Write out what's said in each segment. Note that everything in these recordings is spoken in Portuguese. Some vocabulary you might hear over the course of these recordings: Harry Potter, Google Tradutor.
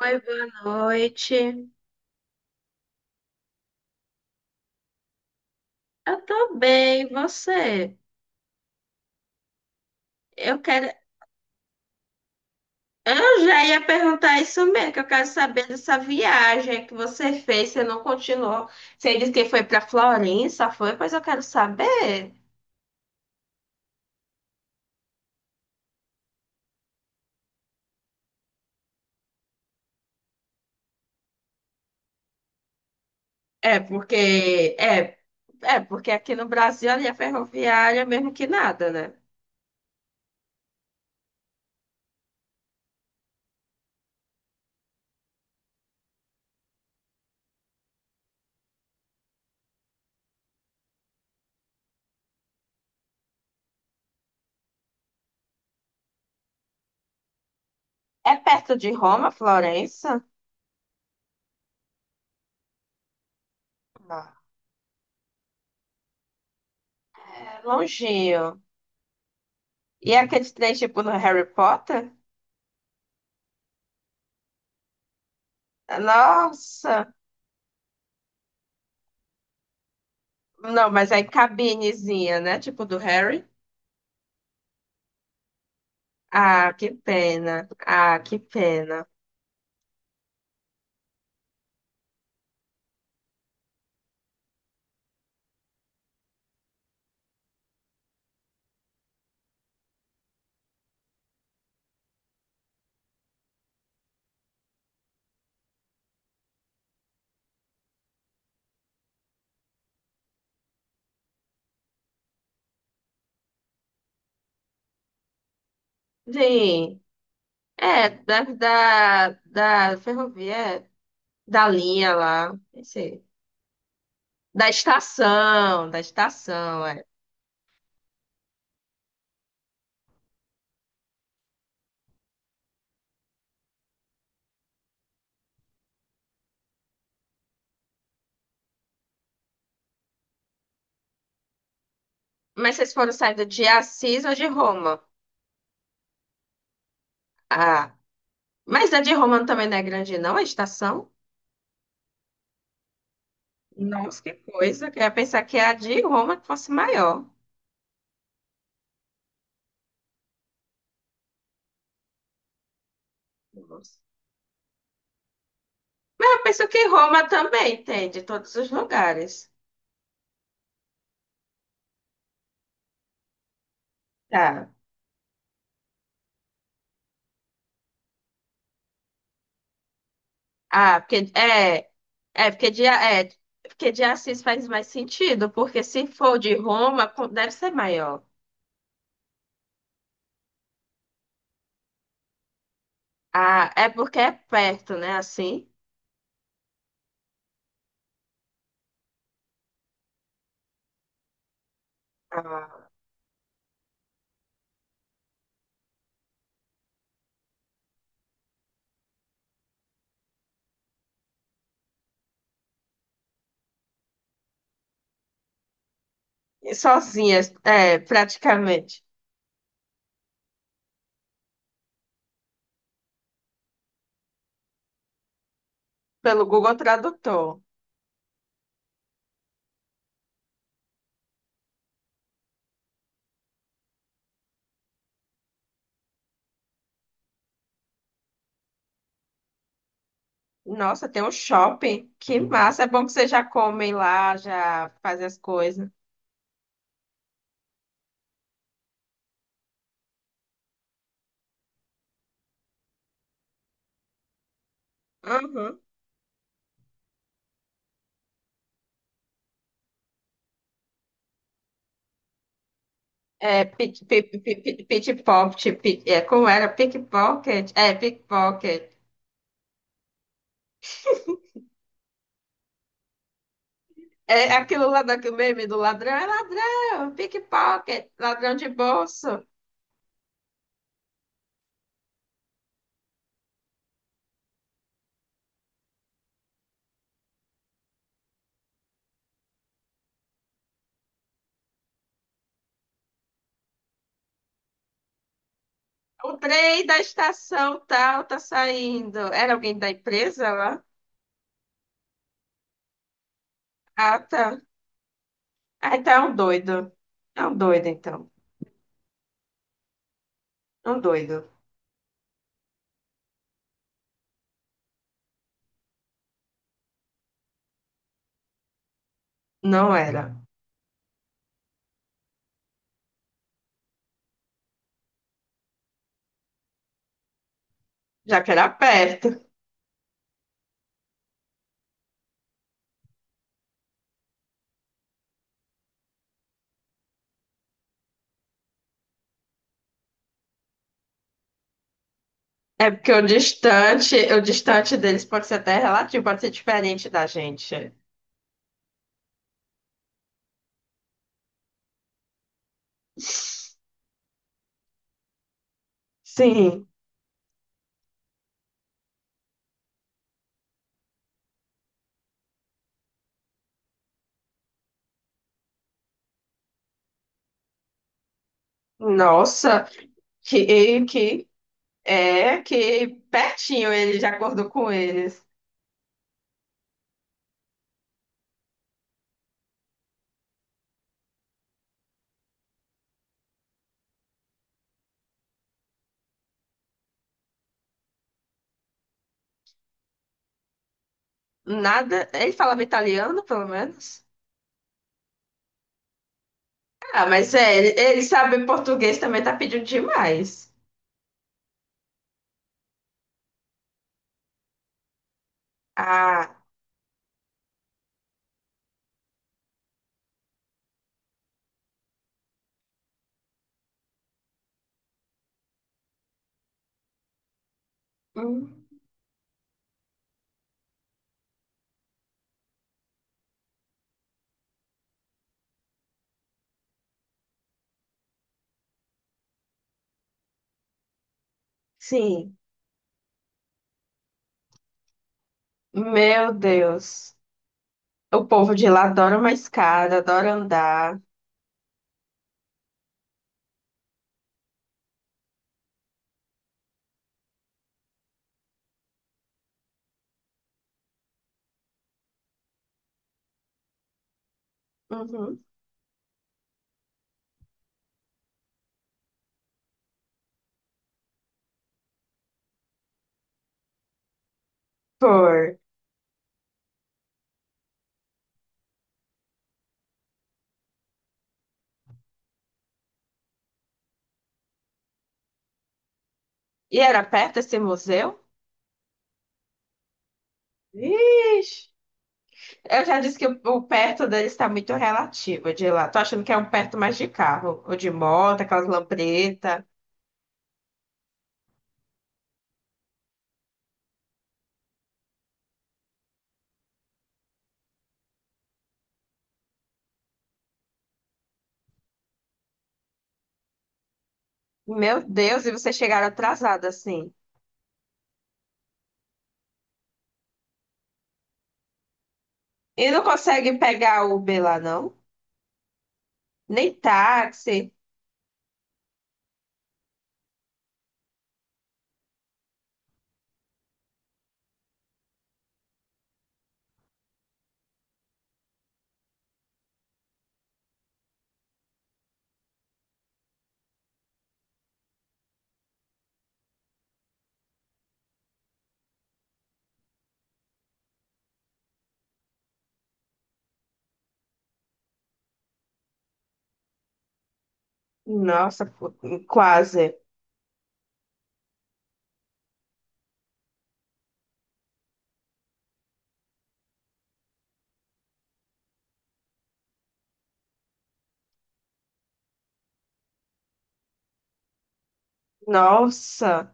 Oi, boa noite. Eu tô bem, e você? Eu quero. Eu já ia perguntar isso mesmo, que eu quero saber dessa viagem que você fez, você não continuou. Você disse que foi pra Florença, foi? Pois eu quero saber. É, porque é, é porque aqui no Brasil a linha ferroviária é mesmo que nada, né? É perto de Roma, Florença? Não. É longinho. E aqueles trens tipo no Harry Potter? Nossa! Não, mas aí cabinezinha, né? Tipo do Harry. Ah, que pena. Ah, que pena. Sim. É, da ferrovia, é, da linha lá. Não sei. Da estação, é. Mas vocês foram saindo de Assis ou de Roma? Ah, mas a de Roma também não é grande, não, a estação? Nossa, que coisa. Que eu ia pensar que a de Roma fosse maior. Nossa. Mas eu penso que Roma também tem, de todos os lugares. Tá. Ah, porque é, é, porque de Assis faz mais sentido, porque se for de Roma, co- deve ser maior. Ah, é porque é perto, né? Assim, ah, e sozinhas, é, praticamente, pelo Google Tradutor. Nossa, tem um shopping, que massa! É bom que vocês já comem lá, já fazem as coisas. Uhum. É, pit, pit, pit, pit, pit, pop, pit- é, como era? Pickpocket? É, pickpocket. É aquilo lá daquele meme do ladrão, é ladrão, pickpocket, ladrão de bolso. O trem da estação tal tá saindo. Era alguém da empresa lá? Ah, tá. Ah, então é um doido. É um doido, então. É um doido. Não era. Já que era perto. É porque o distante deles pode ser até relativo, pode ser diferente da gente. Sim. Nossa, que é que pertinho ele já acordou com eles. Nada. Ele falava italiano, pelo menos. Ah, mas é, ele sabe português também, tá pedindo demais. Ah, hum, sim. Meu Deus. O povo de lá adora uma escada, adora andar. Uhum. Por. E era perto esse museu? Ixi. Eu já disse que o perto dele está muito relativo de lá. Tô achando que é um perto mais de carro, ou de moto, aquelas lampretas. Meu Deus, e vocês chegaram atrasados assim. E não consegue pegar Uber lá, não? Nem táxi. Nossa, pô, quase. Nossa,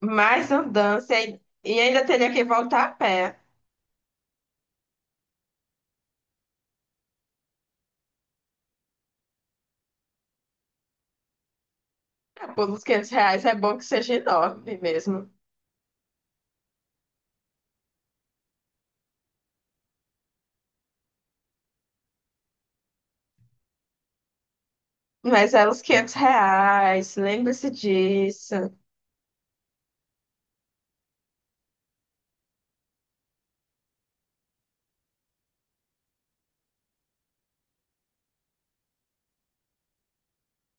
mais andança. E ai- e ainda teria que voltar a pé. Por uns R$ 500 é bom que seja enorme mesmo. Mas é uns R$ 500, lembre-se disso.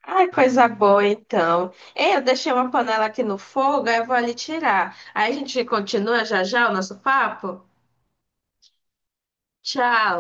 Ai, coisa boa, então. Ei, eu deixei uma panela aqui no fogo, aí eu vou ali tirar. Aí a gente continua já já o nosso papo? Tchau.